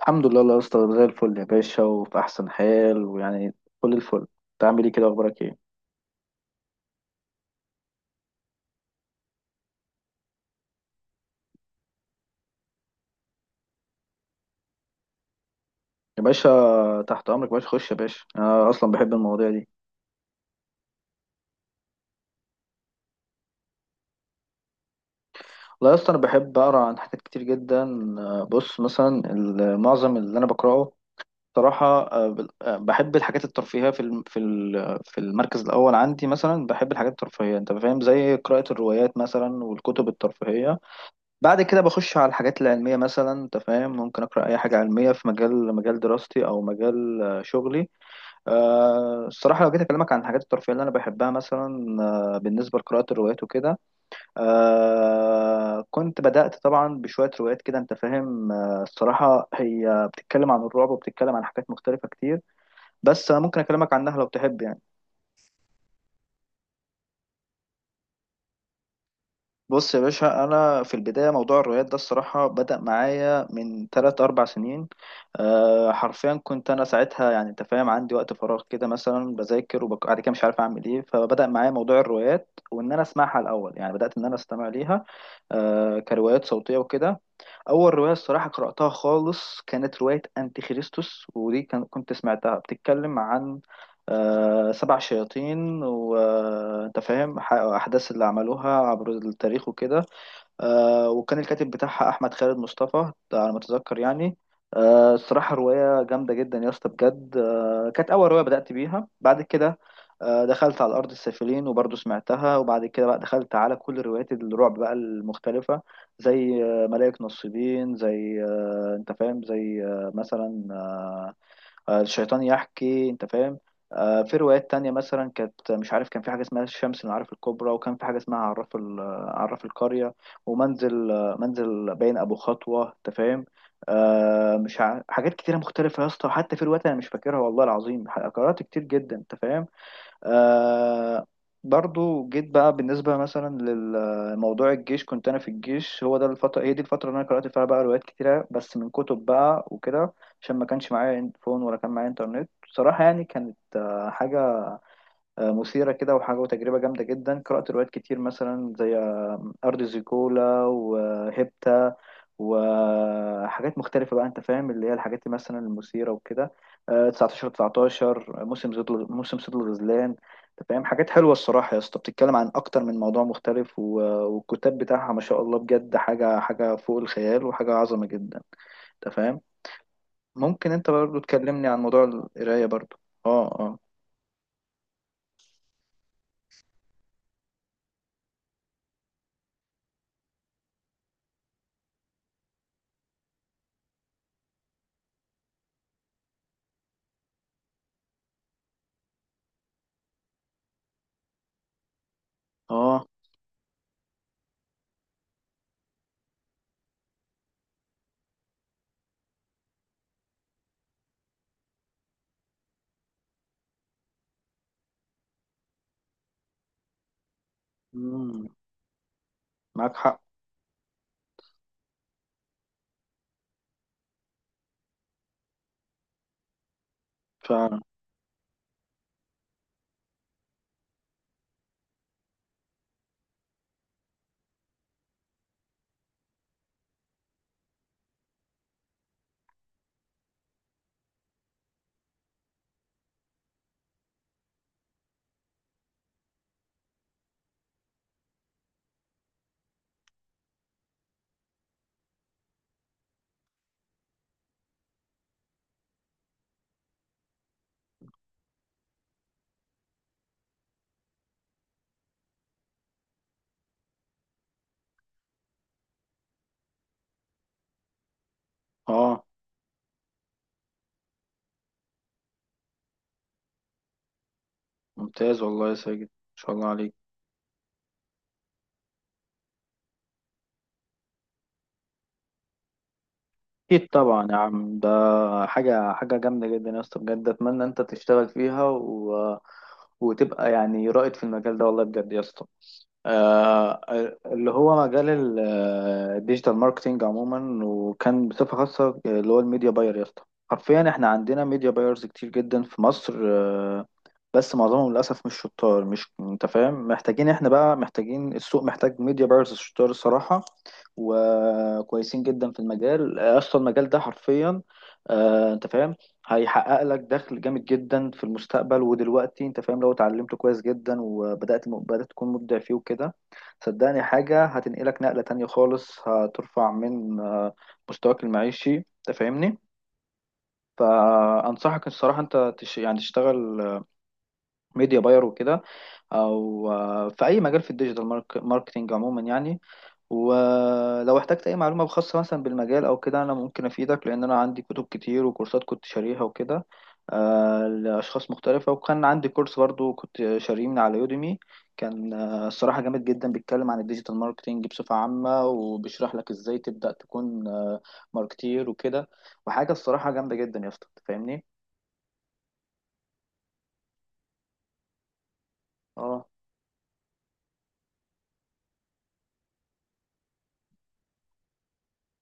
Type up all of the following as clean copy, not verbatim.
الحمد لله الله يا اسطى، زي الفل يا باشا، وفي احسن حال. ويعني كل الفل. انت عامل ايه كده؟ اخبارك ايه يا باشا؟ تحت امرك يا باشا، خش يا باشا، انا اصلا بحب المواضيع دي. والله يا اسطى انا بحب اقرا عن حاجات كتير جدا. بص، مثلا معظم اللي انا بقراه صراحة، بحب الحاجات الترفيهية. في المركز الأول عندي مثلا بحب الحاجات الترفيهية، أنت فاهم، زي قراءة الروايات مثلا والكتب الترفيهية. بعد كده بخش على الحاجات العلمية مثلا، انت فاهم، ممكن أقرأ أي حاجة علمية في مجال دراستي، أو مجال شغلي. الصراحة لو جيت أكلمك عن الحاجات الترفيهية اللي أنا بحبها مثلا، بالنسبة لقراءة الروايات وكده، كنت بدأت طبعا بشوية روايات كده، أنت فاهم. الصراحة هي بتتكلم عن الرعب وبتتكلم عن حاجات مختلفة كتير. بس أنا ممكن أكلمك عنها لو تحب يعني. بص يا باشا، انا في البدايه موضوع الروايات ده الصراحه بدا معايا من 3 4 سنين. حرفيا كنت انا ساعتها، يعني انت فاهم، عندي وقت فراغ كده، مثلا بذاكر وبعد كده مش عارف اعمل ايه، فبدا معايا موضوع الروايات، وان انا اسمعها الاول. يعني بدات ان انا استمع ليها كروايات صوتيه وكده. اول روايه الصراحه قراتها خالص كانت روايه انتي خريستوس، ودي كان كنت سمعتها بتتكلم عن 7 شياطين، وانت فاهم، احداث اللي عملوها عبر التاريخ وكده. وكان الكاتب بتاعها احمد خالد مصطفى ده، على ما اتذكر يعني. الصراحه روايه جامده جدا يا اسطى بجد. كانت اول روايه بدات بيها. بعد كده دخلت على ارض السافلين، وبرضه سمعتها. وبعد كده بقى دخلت على كل روايات الرعب بقى المختلفه، زي ملائك نصيبين، زي انت فاهم، زي آه، مثلا آه، آه، الشيطان يحكي، انت فاهم. في روايات تانية مثلا، كانت مش عارف، كان في حاجة اسمها الشمس العارف الكبرى، وكان في حاجة اسمها عراف القرية، ومنزل آه، منزل باين أبو خطوة، انت فاهم. آه، مش ع... حاجات كتيرة مختلفة يا اسطى، حتى في روايات أنا مش فاكرها والله العظيم. قرأت كتير جدا، انت فاهم. آه برضو جيت بقى بالنسبة مثلا للموضوع الجيش. كنت أنا في الجيش، هو ده الفترة، هي دي الفترة اللي أنا قرأت فيها بقى روايات كتيرة، بس من كتب بقى وكده، عشان ما كانش معايا فون ولا كان معايا إنترنت، بصراحة يعني. كانت حاجة مثيرة كده، وحاجة وتجربة جامدة جدا. قرأت روايات كتير مثلا زي أرض زيكولا، وهيبتا، وحاجات مختلفة بقى، أنت فاهم، اللي هي الحاجات دي مثلا المثيرة وكده. 19 موسم صيد الغزلان. أنت فاهم، حاجات حلوة الصراحة يا اسطى، بتتكلم عن أكتر من موضوع مختلف. والكتاب بتاعها ما شاء الله بجد، حاجة فوق الخيال، وحاجة عظمة جدا، أنت فاهم. ممكن أنت برضو تكلمني عن موضوع القراية برضو. أه، أه، أه. مم، معاك حق، فعلا. اه، ممتاز والله يا ساجد، ما شاء الله عليك. اكيد طبعا يا عم، ده حاجه جامده جدا يا اسطى بجد، اتمنى انت تشتغل فيها وتبقى يعني رائد في المجال ده، والله بجد يا اسطى. آه، اللي هو مجال الديجيتال ماركتينج عموما، وكان بصفة خاصة اللي هو الميديا باير يا اسطى. حرفيا احنا عندنا ميديا بايرز كتير جدا في مصر، بس معظمهم للأسف مش شطار، مش انت فاهم. محتاجين، احنا بقى محتاجين، السوق محتاج ميديا بايرز شطار الصراحة، وكويسين جدا في المجال. اصلا المجال ده حرفيا انت فاهم هيحقق لك دخل جامد جدا في المستقبل ودلوقتي، انت فاهم، لو اتعلمته كويس جدا وبدأت تكون مبدع فيه وكده. صدقني حاجة هتنقلك نقلة تانية خالص، هترفع من مستواك المعيشي، انت فاهمني. فأنصحك الصراحة انت يعني تشتغل ميديا باير وكده، او في اي مجال في ماركتينج عموما يعني. ولو احتجت اي معلومه خاصه مثلا بالمجال او كده، انا ممكن افيدك، لان انا عندي كتب كتير وكورسات كنت شاريها وكده لاشخاص مختلفه، وكان عندي كورس برضو كنت شاريه من على يوديمي، كان الصراحه جامد جدا، بيتكلم عن الديجيتال ماركتينج بصفه عامه، وبيشرح لك ازاي تبدا تكون ماركتير وكده. وحاجه الصراحه جامده جدا يا اسطى، أنت فاهمني. اه،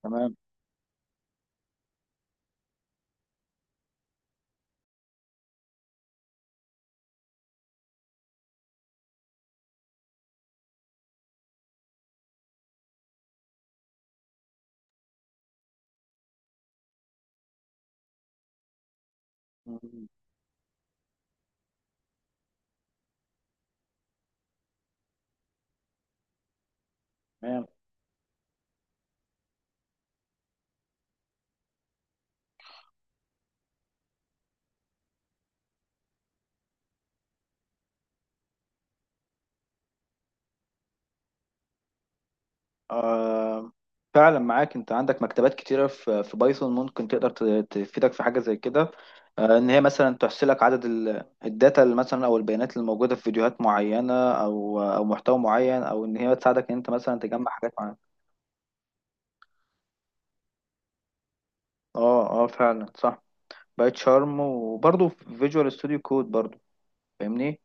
تمام. مم. تمام. آه، فعلا معاك. انت عندك مكتبات كتيرة في بايثون، ممكن تقدر تفيدك في حاجة زي كده. آه، ان هي مثلا تحصي لك عدد الداتا اللي مثلا، او البيانات اللي موجودة في فيديوهات معينة، او محتوى معين، او ان هي تساعدك ان انت مثلا تجمع حاجات معينة. اه، اه، فعلا صح، بايت شارم، وبرضه في فيجوال ستوديو كود برضه، فاهمني.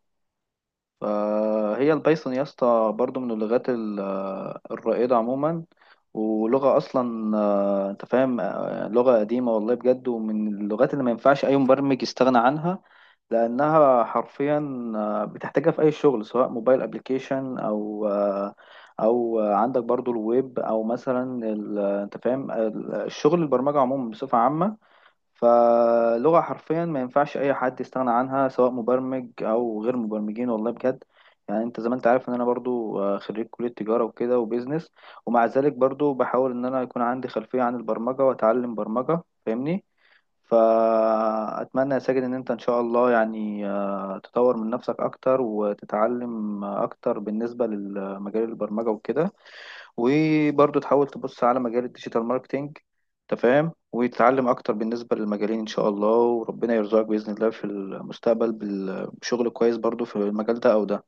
فهي البايثون يا اسطى برضو من الرائدة عموما، ولغة أصلا، أنت فاهم، لغة قديمة والله بجد، ومن اللغات اللي ما ينفعش أي مبرمج يستغنى عنها، لأنها حرفيا بتحتاجها في أي شغل، سواء موبايل أبليكيشن، أو عندك برضو الويب، أو مثلا أنت فاهم الشغل، البرمجة عموما بصفة عامة. فلغة حرفيا ما ينفعش أي حد يستغنى عنها، سواء مبرمج أو غير مبرمجين، والله بجد. يعني أنت زي ما أنت عارف إن أنا برضو خريج كلية تجارة وكده، وبيزنس، ومع ذلك برضو بحاول إن أنا يكون عندي خلفية عن البرمجة، وأتعلم برمجة، فاهمني. فأتمنى يا ساجد إن أنت إن شاء الله يعني تطور من نفسك أكتر، وتتعلم أكتر بالنسبة لمجال البرمجة وكده، وبرضه تحاول تبص على مجال الديجيتال ماركتينج، انت فاهم، وتتعلم اكتر بالنسبه للمجالين ان شاء الله. وربنا يرزقك باذن الله في المستقبل بشغل كويس برضه في المجال ده او ده،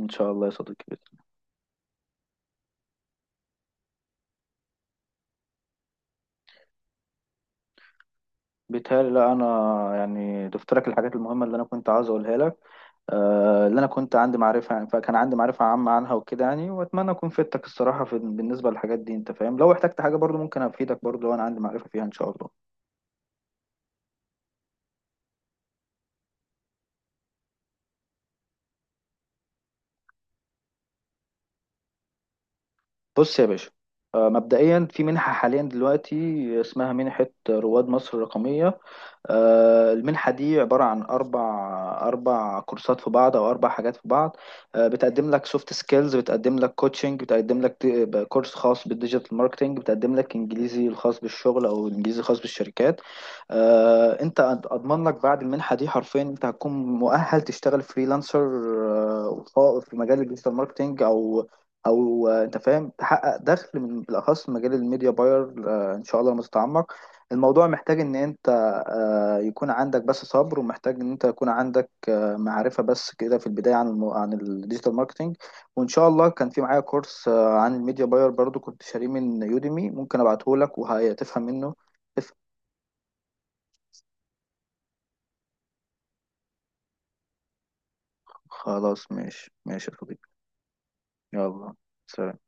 ان شاء الله يا صديقي بإذن الله. بيتهيألي لا، انا يعني ضفت لك الحاجات المهمه اللي انا كنت عاوز اقولها لك، اللي انا كنت عندي معرفه، يعني فكان عندي معرفه عامه عنها وكده يعني. واتمنى اكون فدتك الصراحه في بالنسبه للحاجات دي، انت فاهم. لو احتجت حاجه برضه ممكن افيدك برضه لو انا عندي معرفه فيها ان شاء الله. بص يا باشا، مبدئيا في منحة حاليا دلوقتي اسمها منحة رواد مصر الرقمية. المنحة دي عبارة عن 4 كورسات في بعض، أو 4 حاجات في بعض. بتقدم لك سوفت سكيلز، بتقدم لك كوتشنج، بتقدم لك كورس خاص بالديجيتال ماركتنج، بتقدم لك إنجليزي الخاص بالشغل، أو الإنجليزي الخاص بالشركات. أنت، أضمن لك بعد المنحة دي حرفيا أنت هتكون مؤهل تشتغل فريلانسر في مجال الديجيتال ماركتنج، أو أنت فاهم تحقق دخل، من بالأخص في مجال الميديا باير. إن شاء الله لما تتعمق. الموضوع محتاج إن أنت يكون عندك بس صبر، ومحتاج ان انت يكون عندك معرفة، بس كده في البداية، عن عن الديجيتال ماركتينج. وان شاء الله كان في معايا كورس عن الميديا باير برضو، كنت شاريه من يوديمي، ممكن ابعته لك وهتفهم منه، تفهم. خلاص، ماشي ماشي يا صديقي. يلا، سلام.